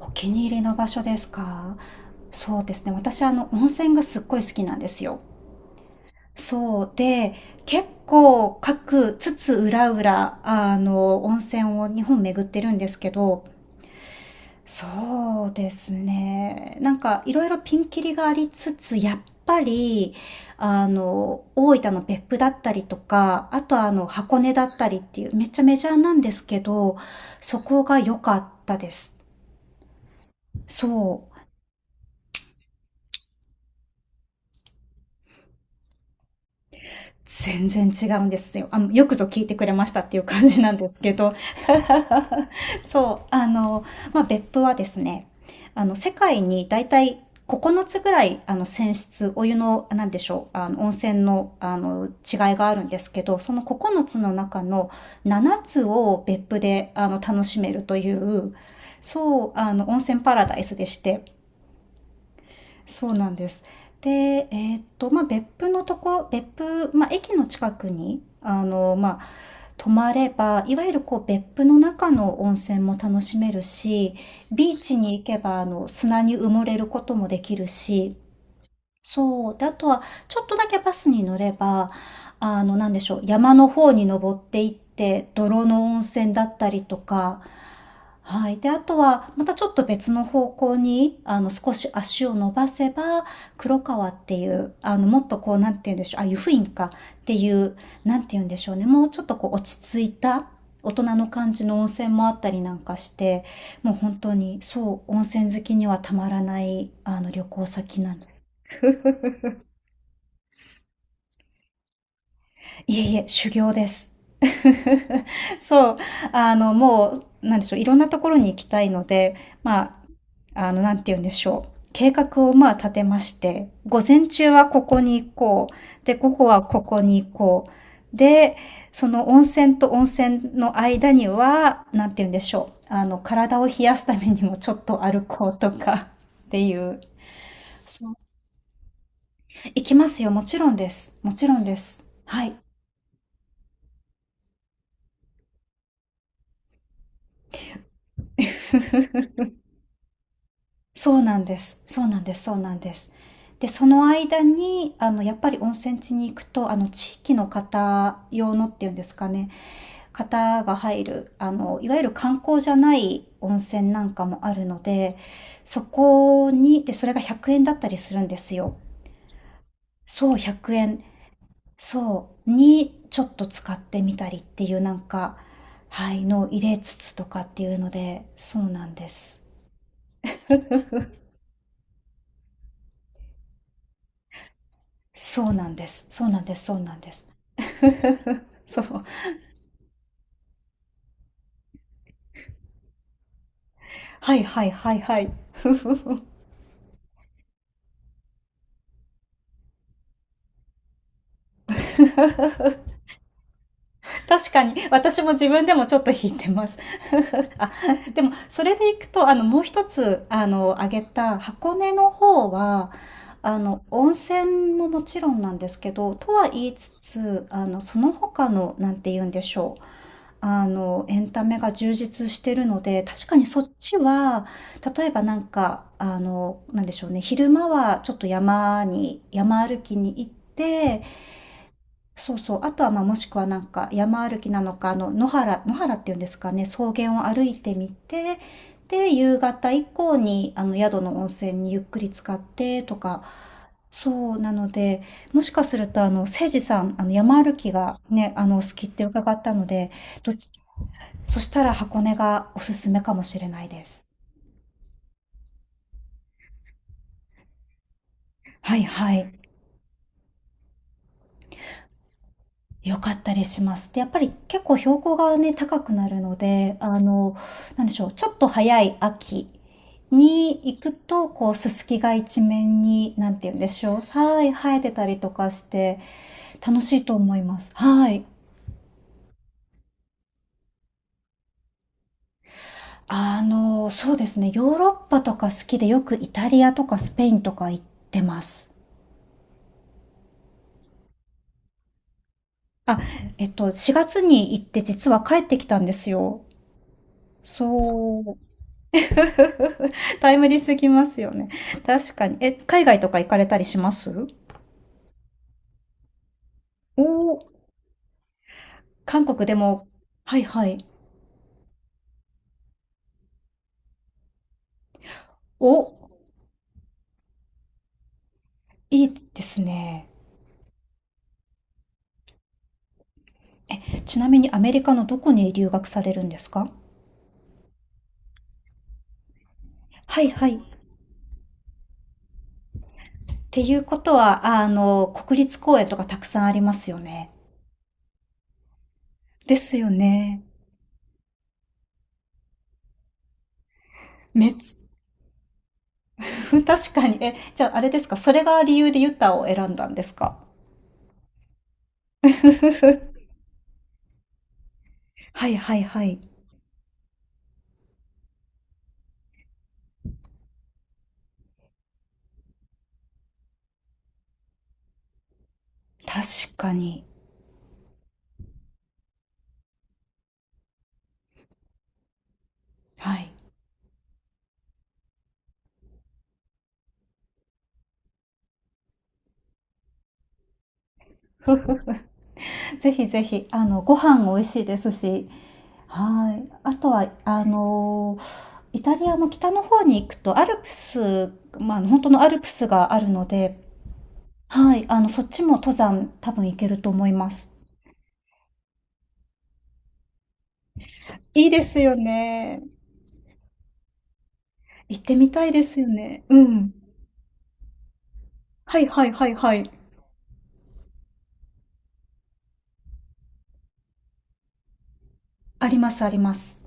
お気に入りの場所ですか？そうですね。私、温泉がすっごい好きなんですよ。そうで、結構各つつ裏裏、温泉を日本巡ってるんですけど、そうですね。なんか、いろいろピンキリがありつつ、やっぱり、大分の別府だったりとか、あとは箱根だったりっていう、めっちゃメジャーなんですけど、そこが良かったです。そう。全然違うんですよ。よくぞ聞いてくれましたっていう感じなんですけど、そう、まあ、別府はですね、世界に大体9つぐらい、泉質、お湯の、なんでしょう、温泉の、違いがあるんですけど、その9つの中の7つを別府で、楽しめるという、そう、温泉パラダイスでして、そうなんです。で、まあ、別府、まあ、駅の近くに、まあ、泊まれば、いわゆるこう、別府の中の温泉も楽しめるし、ビーチに行けば、砂に埋もれることもできるし、そう。で、あとは、ちょっとだけバスに乗れば、なんでしょう、山の方に登っていって、泥の温泉だったりとか、はい。で、あとは、またちょっと別の方向に、少し足を伸ばせば、黒川っていう、もっとこう、なんて言うんでしょう、あ、湯布院かっていう、なんて言うんでしょうね、もうちょっとこう、落ち着いた、大人の感じの温泉もあったりなんかして、もう本当に、そう、温泉好きにはたまらない、旅行先なん。いえいえ、修行です。そう、もう、なんでしょう、いろんなところに行きたいので、まあ、なんて言うんでしょう。計画をまあ立てまして、午前中はここに行こう。で、午後はここに行こう。で、その温泉と温泉の間には、なんて言うんでしょう。体を冷やすためにもちょっと歩こうとかっていう。そう。行きますよ。もちろんです。もちろんです。はい。そうなんです。そうなんです。そうなんです。で、その間に、やっぱり温泉地に行くと、地域の方用のっていうんですかね、方が入る、いわゆる観光じゃない温泉なんかもあるので、そこに、で、それが100円だったりするんですよ。そう、100円。そう、に、ちょっと使ってみたりっていうなんか、はい、のを入れつつとかっていうので、そうなんです。そうなんです。そうなんです。そうなんです。そう。はいはいはいはい。ふふふ。確かに、私も自分でもちょっと引いてます。あ、でも、それでいくと、もう一つ、挙げた箱根の方は、温泉ももちろんなんですけど、とは言いつつ、その他の、なんて言うんでしょう。エンタメが充実してるので、確かにそっちは、例えばなんか、なんでしょうね、昼間はちょっと山歩きに行って、そうそう、あとはまあもしくはなんか山歩きなのか、野原っていうんですかね、草原を歩いてみて、で、夕方以降に、宿の温泉にゆっくり浸かってとか、そうなので、もしかすると、せいじさん、山歩きがね、お好きって伺ったので、どそしたら箱根がおすすめかもしれないです。はいはい。良かったりします。で、やっぱり結構標高がね、高くなるので、なんでしょう、ちょっと早い秋に行くと、こう、ススキが一面に、なんて言うんでしょう、はい、生えてたりとかして、楽しいと思います。はい。そうですね、ヨーロッパとか好きで、よくイタリアとかスペインとか行ってます。あ、4月に行って実は帰ってきたんですよ。そう。タイムリーすぎますよね。確かに。え、海外とか行かれたりします？おおー、韓国でも、はいはい。お、いいですね。ちなみにアメリカのどこに留学されるんですか？はいはい。っていうことは、国立公園とかたくさんありますよね。ですよね。めっちゃ、確かに。え、じゃああれですか、それが理由でユタを選んだんですか？ はいはいはい。確かに。はい。ぜひぜひ、ご飯美味しいですし、はい。あとは、イタリアも北の方に行くとアルプス、まあ、本当のアルプスがあるので、はい、そっちも登山多分行けると思います。いいですよね。行ってみたいですよね。うん。はいはいはいはい。ありますあります。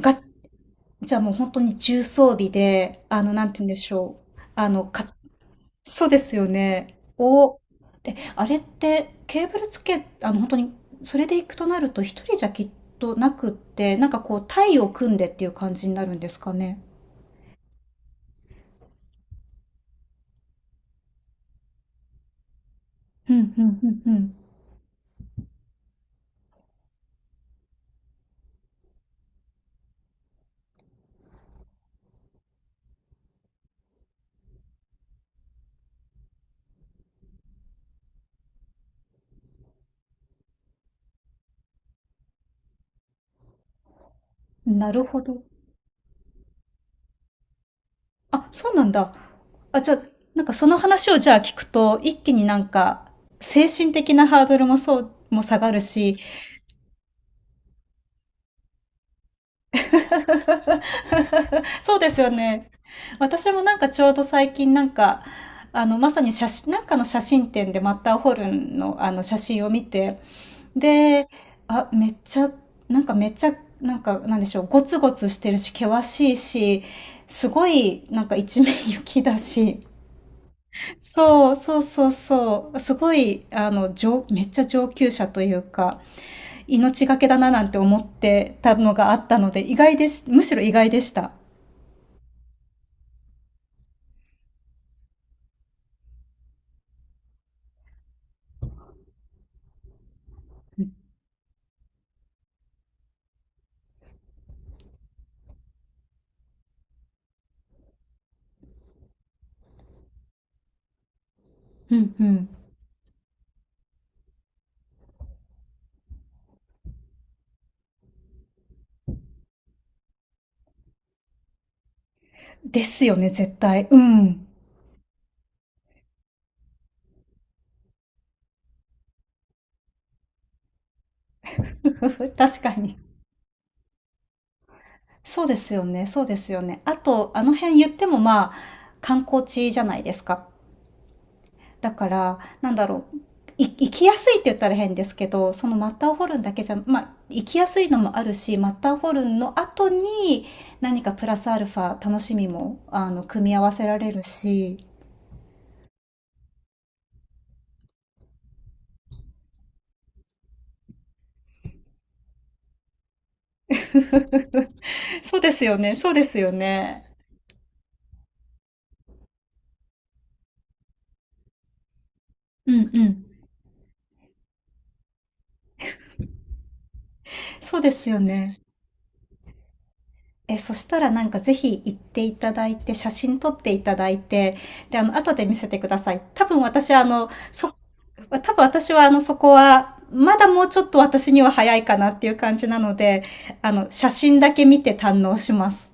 が、じゃあもう本当に重装備で、なんて言うんでしょう。そうですよね。お、で、あれってケーブルつけ、本当にそれで行くとなると一人じゃきっとなくって、なんかこう隊を組んでっていう感じになるんですかね？うんうんうんうん。なるほど。あ、そうなんだ。あ、じゃあ、なんかその話をじゃあ聞くと、一気になんか精神的なハードルもそう、も下がるし、そうですよね。私もなんかちょうど最近なんか、まさに写真、なんかの写真展でマッターホルンのあの写真を見て、で、あ、めっちゃ、なんかめっちゃ、なんか、なんでしょう、ゴツゴツしてるし、険しいし、すごい、なんか一面雪だし、そう、そうそうそう。すごい、めっちゃ上級者というか、命がけだななんて思ってたのがあったので、意外でし、むしろ意外でした。うんうん。ですよね、絶対。うん。確かに。そうですよね、そうですよね。あと、あの辺言ってもまあ、観光地じゃないですか。だから、なんだろう。生きやすいって言ったら変ですけど、そのマッターホルンだけじゃ、まあ、生きやすいのもあるし、マッターホルンの後に何かプラスアルファ楽しみも、組み合わせられるし。そうですよね、そうですよね。うんうん。そうですよね。え、そしたらなんかぜひ行っていただいて、写真撮っていただいて、で、後で見せてください。多分私はそこは、まだもうちょっと私には早いかなっていう感じなので、写真だけ見て堪能します。